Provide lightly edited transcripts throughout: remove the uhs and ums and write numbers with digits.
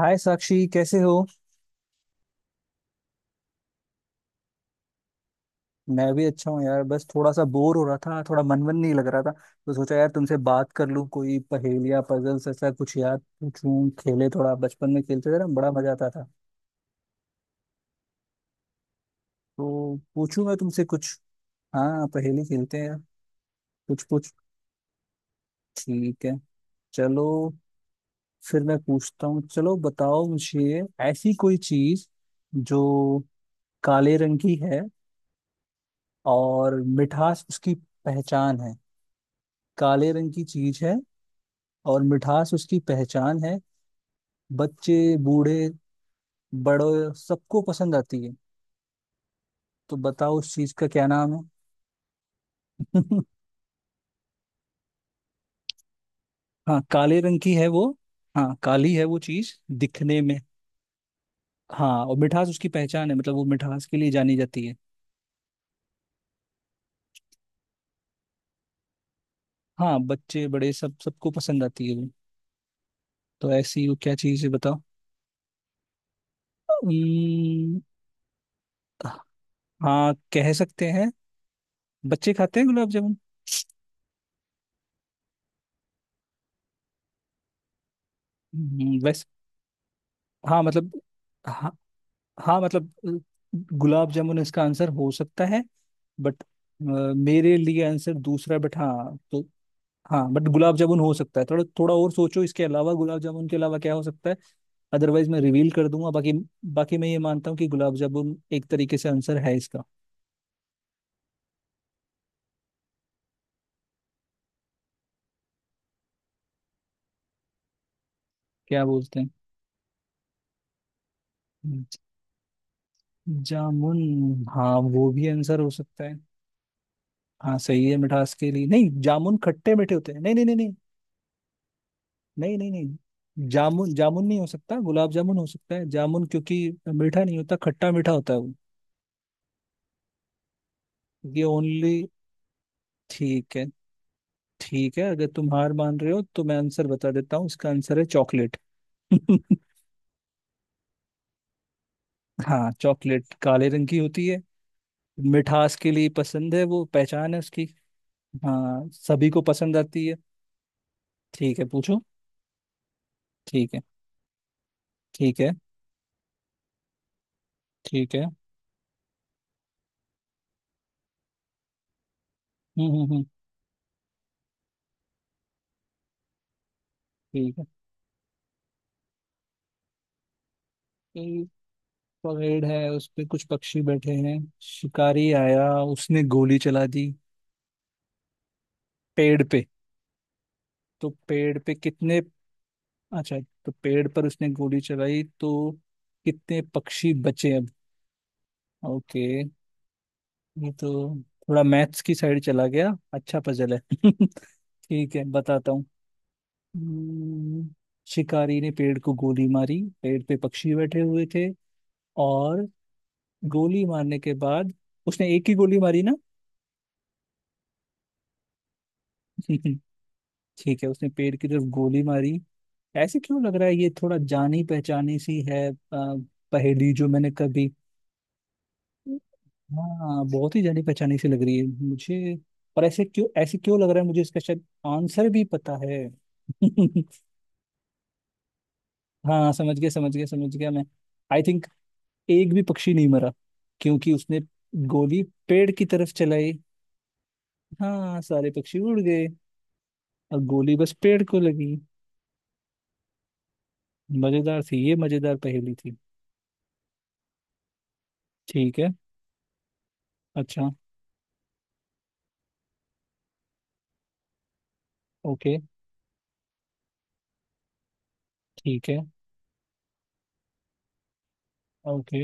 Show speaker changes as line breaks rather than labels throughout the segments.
हाय साक्षी, कैसे हो। मैं भी अच्छा हूँ यार, बस थोड़ा सा बोर हो रहा था, थोड़ा मन मन नहीं लग रहा था, तो सोचा यार तुमसे बात कर लूँ, कोई पहेलियाँ, पजल्स, ऐसा कुछ याद पूछूं। खेले थोड़ा बचपन में, खेलते थे ना, बड़ा मजा आता था। तो पूछूं मैं तुमसे कुछ? हाँ पहेली खेलते हैं यार। कुछ कुछ ठीक है। चलो फिर मैं पूछता हूँ, चलो बताओ मुझे, ऐसी कोई चीज जो काले रंग की है और मिठास उसकी पहचान है। काले रंग की चीज है और मिठास उसकी पहचान है। बच्चे, बूढ़े, बड़े, सबको पसंद आती है। तो बताओ उस चीज का क्या नाम है? हाँ, काले रंग की है वो। हाँ, काली है वो चीज दिखने में। हाँ और मिठास उसकी पहचान है, मतलब वो मिठास के लिए जानी जाती है। हाँ बच्चे, बड़े, सब सबको पसंद आती है वो। तो ऐसी वो क्या चीज है, बताओ? उम्म, हाँ कह सकते हैं। बच्चे खाते हैं गुलाब जामुन। वैसे हाँ मतलब, हाँ हाँ मतलब गुलाब जामुन इसका आंसर हो सकता है, बट मेरे लिए आंसर दूसरा, बट हाँ तो। हाँ बट गुलाब जामुन हो सकता है, थोड़ा थोड़ा और सोचो, इसके अलावा, गुलाब जामुन के अलावा क्या हो सकता है? अदरवाइज मैं रिवील कर दूंगा। बाकी बाकी मैं ये मानता हूँ कि गुलाब जामुन एक तरीके से आंसर है इसका। क्या बोलते हैं जामुन? हाँ वो भी आंसर हो सकता है। हाँ सही है, मिठास के लिए नहीं, जामुन खट्टे मीठे होते हैं, नहीं नहीं नहीं नहीं, नहीं नहीं नहीं, जामुन जामुन नहीं हो सकता, गुलाब जामुन हो सकता है, जामुन क्योंकि मीठा नहीं होता, खट्टा मीठा होता है वो। ये ओनली ठीक है। ठीक है, अगर तुम हार मान रहे हो तो मैं आंसर बता देता हूँ, इसका आंसर है चॉकलेट। हाँ चॉकलेट काले रंग की होती है, मिठास के लिए पसंद है, वो पहचान है उसकी। हाँ सभी को पसंद आती है। ठीक है पूछो। ठीक है। ठीक है। ठीक है। हम्म। ठीक है, परेड है, उस पे कुछ पक्षी बैठे हैं, शिकारी आया, उसने गोली चला दी पेड़ पे, तो पेड़ पे कितने? अच्छा, तो पेड़ पर उसने गोली चलाई तो कितने पक्षी बचे अब? ओके। ये तो थोड़ा मैथ्स की साइड चला गया, अच्छा पजल है। ठीक है बताता हूँ। हम्म, शिकारी ने पेड़ को गोली मारी, पेड़ पे पक्षी बैठे हुए थे और गोली मारने के बाद, उसने एक ही गोली मारी ना? ठीक है, उसने पेड़ की तरफ गोली मारी। ऐसे क्यों लग रहा है ये थोड़ा जानी पहचानी सी है, पहेली जो मैंने कभी, हाँ बहुत ही जानी पहचानी सी लग रही है मुझे। और ऐसे क्यों, ऐसे क्यों लग रहा है मुझे इसका शायद आंसर भी पता है। हाँ समझ गया समझ गया समझ गया मैं, आई थिंक एक भी पक्षी नहीं मरा, क्योंकि उसने गोली पेड़ की तरफ चलाई। हाँ सारे पक्षी उड़ गए और गोली बस पेड़ को लगी। मजेदार थी, ये मजेदार पहेली थी। ठीक है। अच्छा। ओके। ठीक है। ओके,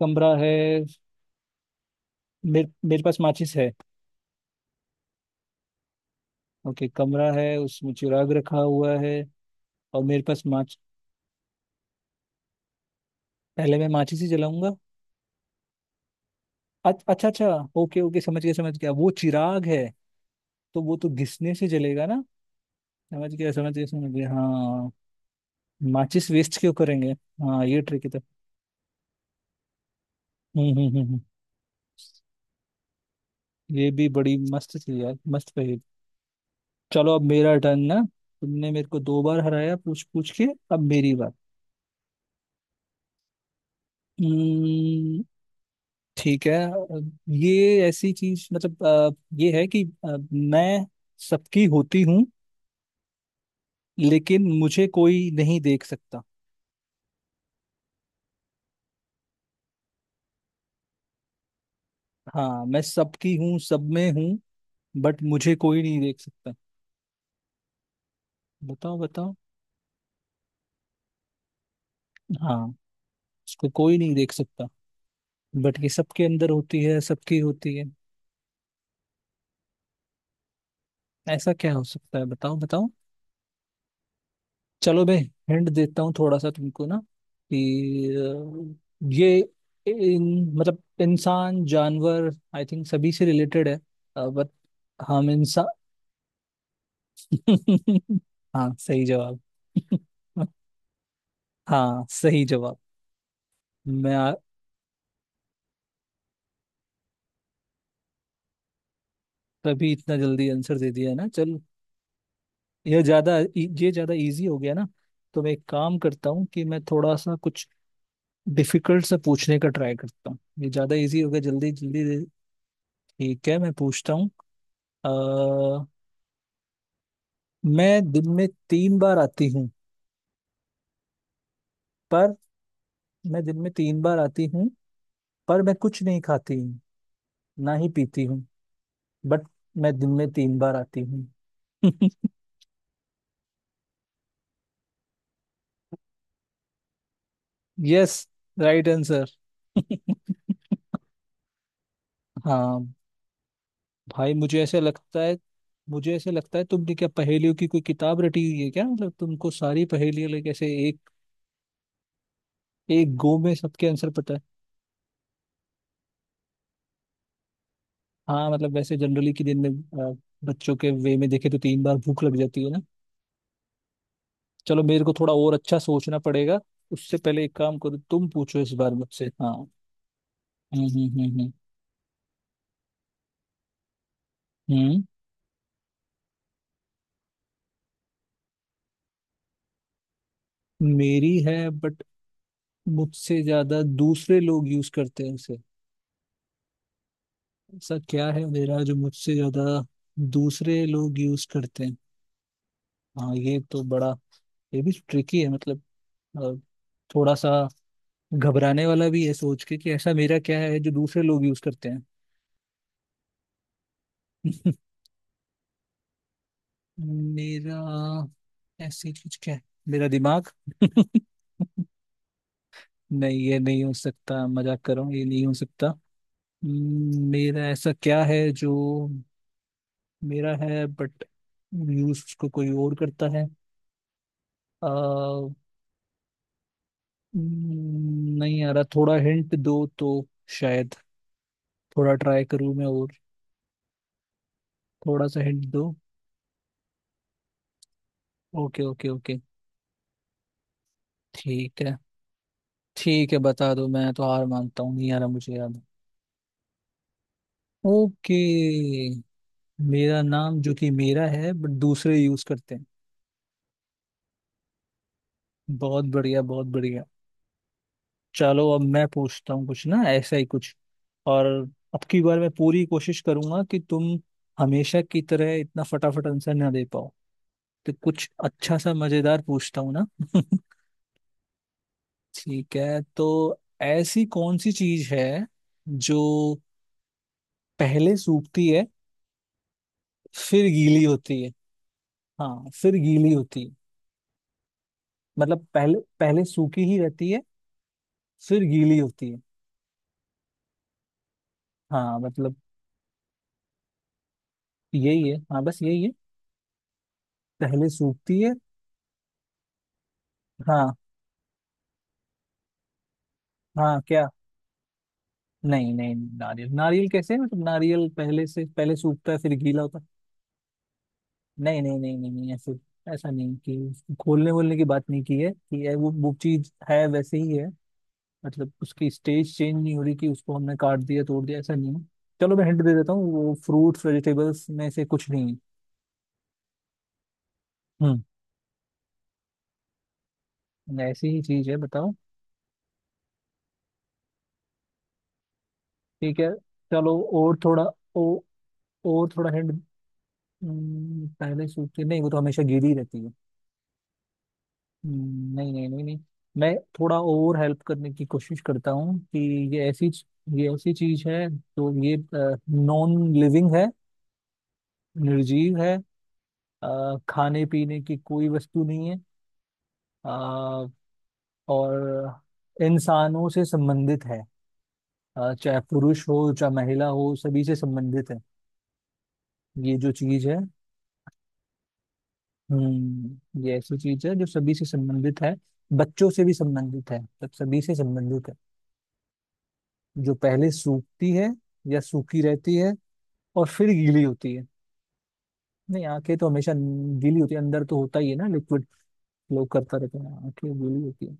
कमरा है। मेरे मेरे पास माचिस है। ओके, कमरा है, उसमें चिराग रखा हुआ है और मेरे पास माच। पहले मैं माचिस ही जलाऊंगा। अच- अच्छा अच्छा, ओके ओके, समझ गया समझ गया, वो चिराग है तो वो तो घिसने से जलेगा ना? समझ गया समझ गया समझ गया, हाँ। माचिस वेस्ट क्यों करेंगे, हाँ ये ट्रिक है तो। हम्म हम्म हम्म हम्म। ये भी बड़ी मस्त थी यार, मस्त पहेली। चलो अब मेरा टर्न ना, तुमने मेरे को 2 बार हराया, पूछ पूछ के। अब मेरी बात। ठीक है ये ऐसी चीज, मतलब ये है कि मैं सबकी होती हूँ लेकिन मुझे कोई नहीं देख सकता। हाँ मैं सबकी हूँ, सब में हूँ, बट मुझे कोई नहीं देख सकता। बताओ बताओ। हाँ इसको कोई नहीं देख सकता, बट ये सबके अंदर होती है, सबकी होती है। ऐसा क्या हो सकता है, बताओ बताओ? चलो मैं हिंट देता हूँ, थोड़ा सा तुमको ना, कि ये इन, मतलब इंसान जानवर, आई थिंक सभी से रिलेटेड है, बट हम इंसान। हाँ सही जवाब। हाँ सही जवाब। मैं आ- तभी इतना जल्दी आंसर दे दिया है ना, चल। यह ज्यादा ये ज्यादा इजी हो गया ना, तो मैं एक काम करता हूँ, कि मैं थोड़ा सा कुछ डिफिकल्ट सा पूछने का ट्राई करता हूँ, ये ज्यादा इजी हो गया जल्दी जल्दी। ठीक है, मैं पूछता हूँ। अ, मैं दिन में 3 बार आती हूँ, पर मैं दिन में 3 बार आती हूँ, पर मैं कुछ नहीं खाती हूँ ना ही पीती हूँ, बट मैं दिन में 3 बार आती हूँ। Yes, right answer. हाँ भाई, मुझे ऐसे लगता है, मुझे ऐसे लगता है, तुमने क्या पहेलियों की कोई किताब रटी हुई है क्या, मतलब तुमको सारी पहेलियां लाइक ऐसे एक एक गो में सबके आंसर पता है। हाँ मतलब वैसे जनरली कि दिन में, अ, बच्चों के वे में देखे तो 3 बार भूख लग जाती है ना। चलो मेरे को थोड़ा और अच्छा सोचना पड़ेगा, उससे पहले एक काम करो, तुम पूछो इस बार मुझसे, हाँ। हम्म। हम्म, मेरी है बट मुझसे ज्यादा दूसरे लोग यूज करते हैं उसे। ऐसा क्या है मेरा जो मुझसे ज्यादा दूसरे लोग यूज करते हैं? हाँ ये तो बड़ा, ये भी ट्रिकी है, मतलब अ, थोड़ा सा घबराने वाला भी है सोच के, कि ऐसा मेरा क्या है जो दूसरे लोग यूज करते हैं। मेरा ऐसे कुछ क्या है, मेरा दिमाग। नहीं ये नहीं हो सकता, मजाक कर रहा हूँ, ये नहीं हो सकता। मेरा ऐसा क्या है जो मेरा है बट यूज उसको कोई और करता है? आ, हम्म, नहीं आ रहा, थोड़ा हिंट दो तो शायद थोड़ा ट्राई करूँ मैं और, थोड़ा सा हिंट दो। Okay okay okay. ठीक है, ठीक है, बता दो मैं तो हार मानता हूँ, नहीं आ रहा मुझे याद। ओके, मेरा नाम जो कि मेरा है बट दूसरे यूज करते हैं। बहुत बढ़िया बहुत बढ़िया। चलो अब मैं पूछता हूँ कुछ ना, ऐसा ही कुछ और। अब की बार मैं पूरी कोशिश करूंगा कि तुम हमेशा की तरह इतना फटाफट आंसर ना दे पाओ, तो कुछ अच्छा सा मजेदार पूछता हूँ ना। ठीक है तो, ऐसी कौन सी चीज है जो पहले सूखती है, फिर गीली होती है? हाँ फिर गीली होती है, मतलब पहले, पहले सूखी ही रहती है, फिर गीली होती है। हाँ मतलब यही है, हाँ बस यही है, पहले सूखती है। हाँ हाँ क्या? नहीं नहीं, नारियल नारियल कैसे, मतलब नारियल पहले से, पहले सूखता है फिर गीला होता है? नहीं नहीं नहीं नहीं नहीं, ऐसे, ऐसा नहीं, कि खोलने वोलने की बात नहीं की है, कि ये वो चीज है, वैसे ही है, मतलब उसकी स्टेज चेंज नहीं हो रही, कि उसको हमने काट दिया, तोड़ दिया, ऐसा नहीं है। चलो मैं हिंट दे देता हूँ, वो फ्रूट्स वेजिटेबल्स में से कुछ नहीं है। हम्म। ऐसी ही चीज है बताओ। ठीक है, चलो और थोड़ा, ओ, और थोड़ा हिंट। पहले सूखती नहीं, वो तो हमेशा गीली रहती है। नहीं नहीं नहीं नहीं। मैं थोड़ा और हेल्प करने की कोशिश करता हूँ, कि ये ऐसी, ये ऐसी चीज है, तो ये नॉन लिविंग है, निर्जीव है, खाने पीने की कोई वस्तु नहीं है, अ, और इंसानों से संबंधित है, चाहे पुरुष हो चाहे महिला हो सभी से संबंधित है, ये जो चीज है। ये ऐसी चीज है जो सभी से संबंधित है, बच्चों से भी संबंधित है, सब सभी से संबंधित है, जो पहले सूखती है या सूखी रहती है और फिर गीली होती है। नहीं आंखें तो हमेशा गीली होती है, अंदर तो होता ही है ना लिक्विड, फ्लो करता रहता है, आंखें गीली होती है।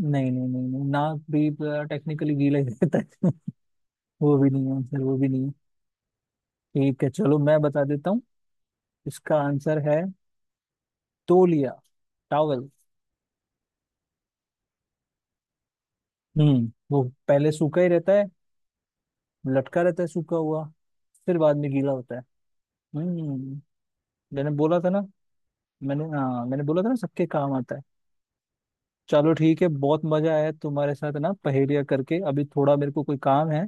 नहीं नहीं नहीं नहीं, नाक भी टेक्निकली गीला ही रहता है। वो भी नहीं है आंसर, वो भी नहीं है। ठीक है चलो मैं बता देता हूँ, इसका आंसर है तौलिया, टॉवल। वो पहले सूखा ही रहता है, लटका रहता है सूखा हुआ, फिर बाद में गीला होता है। हम्म मैंने बोला था ना, मैंने हाँ मैंने बोला था ना, सबके काम आता है। चलो ठीक है, बहुत मजा आया तुम्हारे साथ ना पहेलियाँ करके, अभी थोड़ा मेरे को कोई काम है,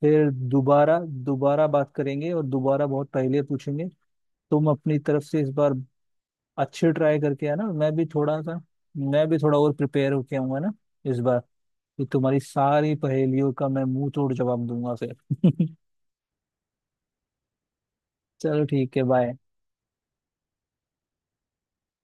फिर दोबारा दोबारा बात करेंगे और दोबारा बहुत पहेलियाँ पूछेंगे। तुम अपनी तरफ से इस बार अच्छे ट्राई करके आना, मैं भी थोड़ा सा, मैं भी थोड़ा और प्रिपेयर होके आऊंगा ना इस बार, कि तुम्हारी सारी पहेलियों का मैं मुंह तोड़ जवाब दूंगा फिर। चलो ठीक है बाय।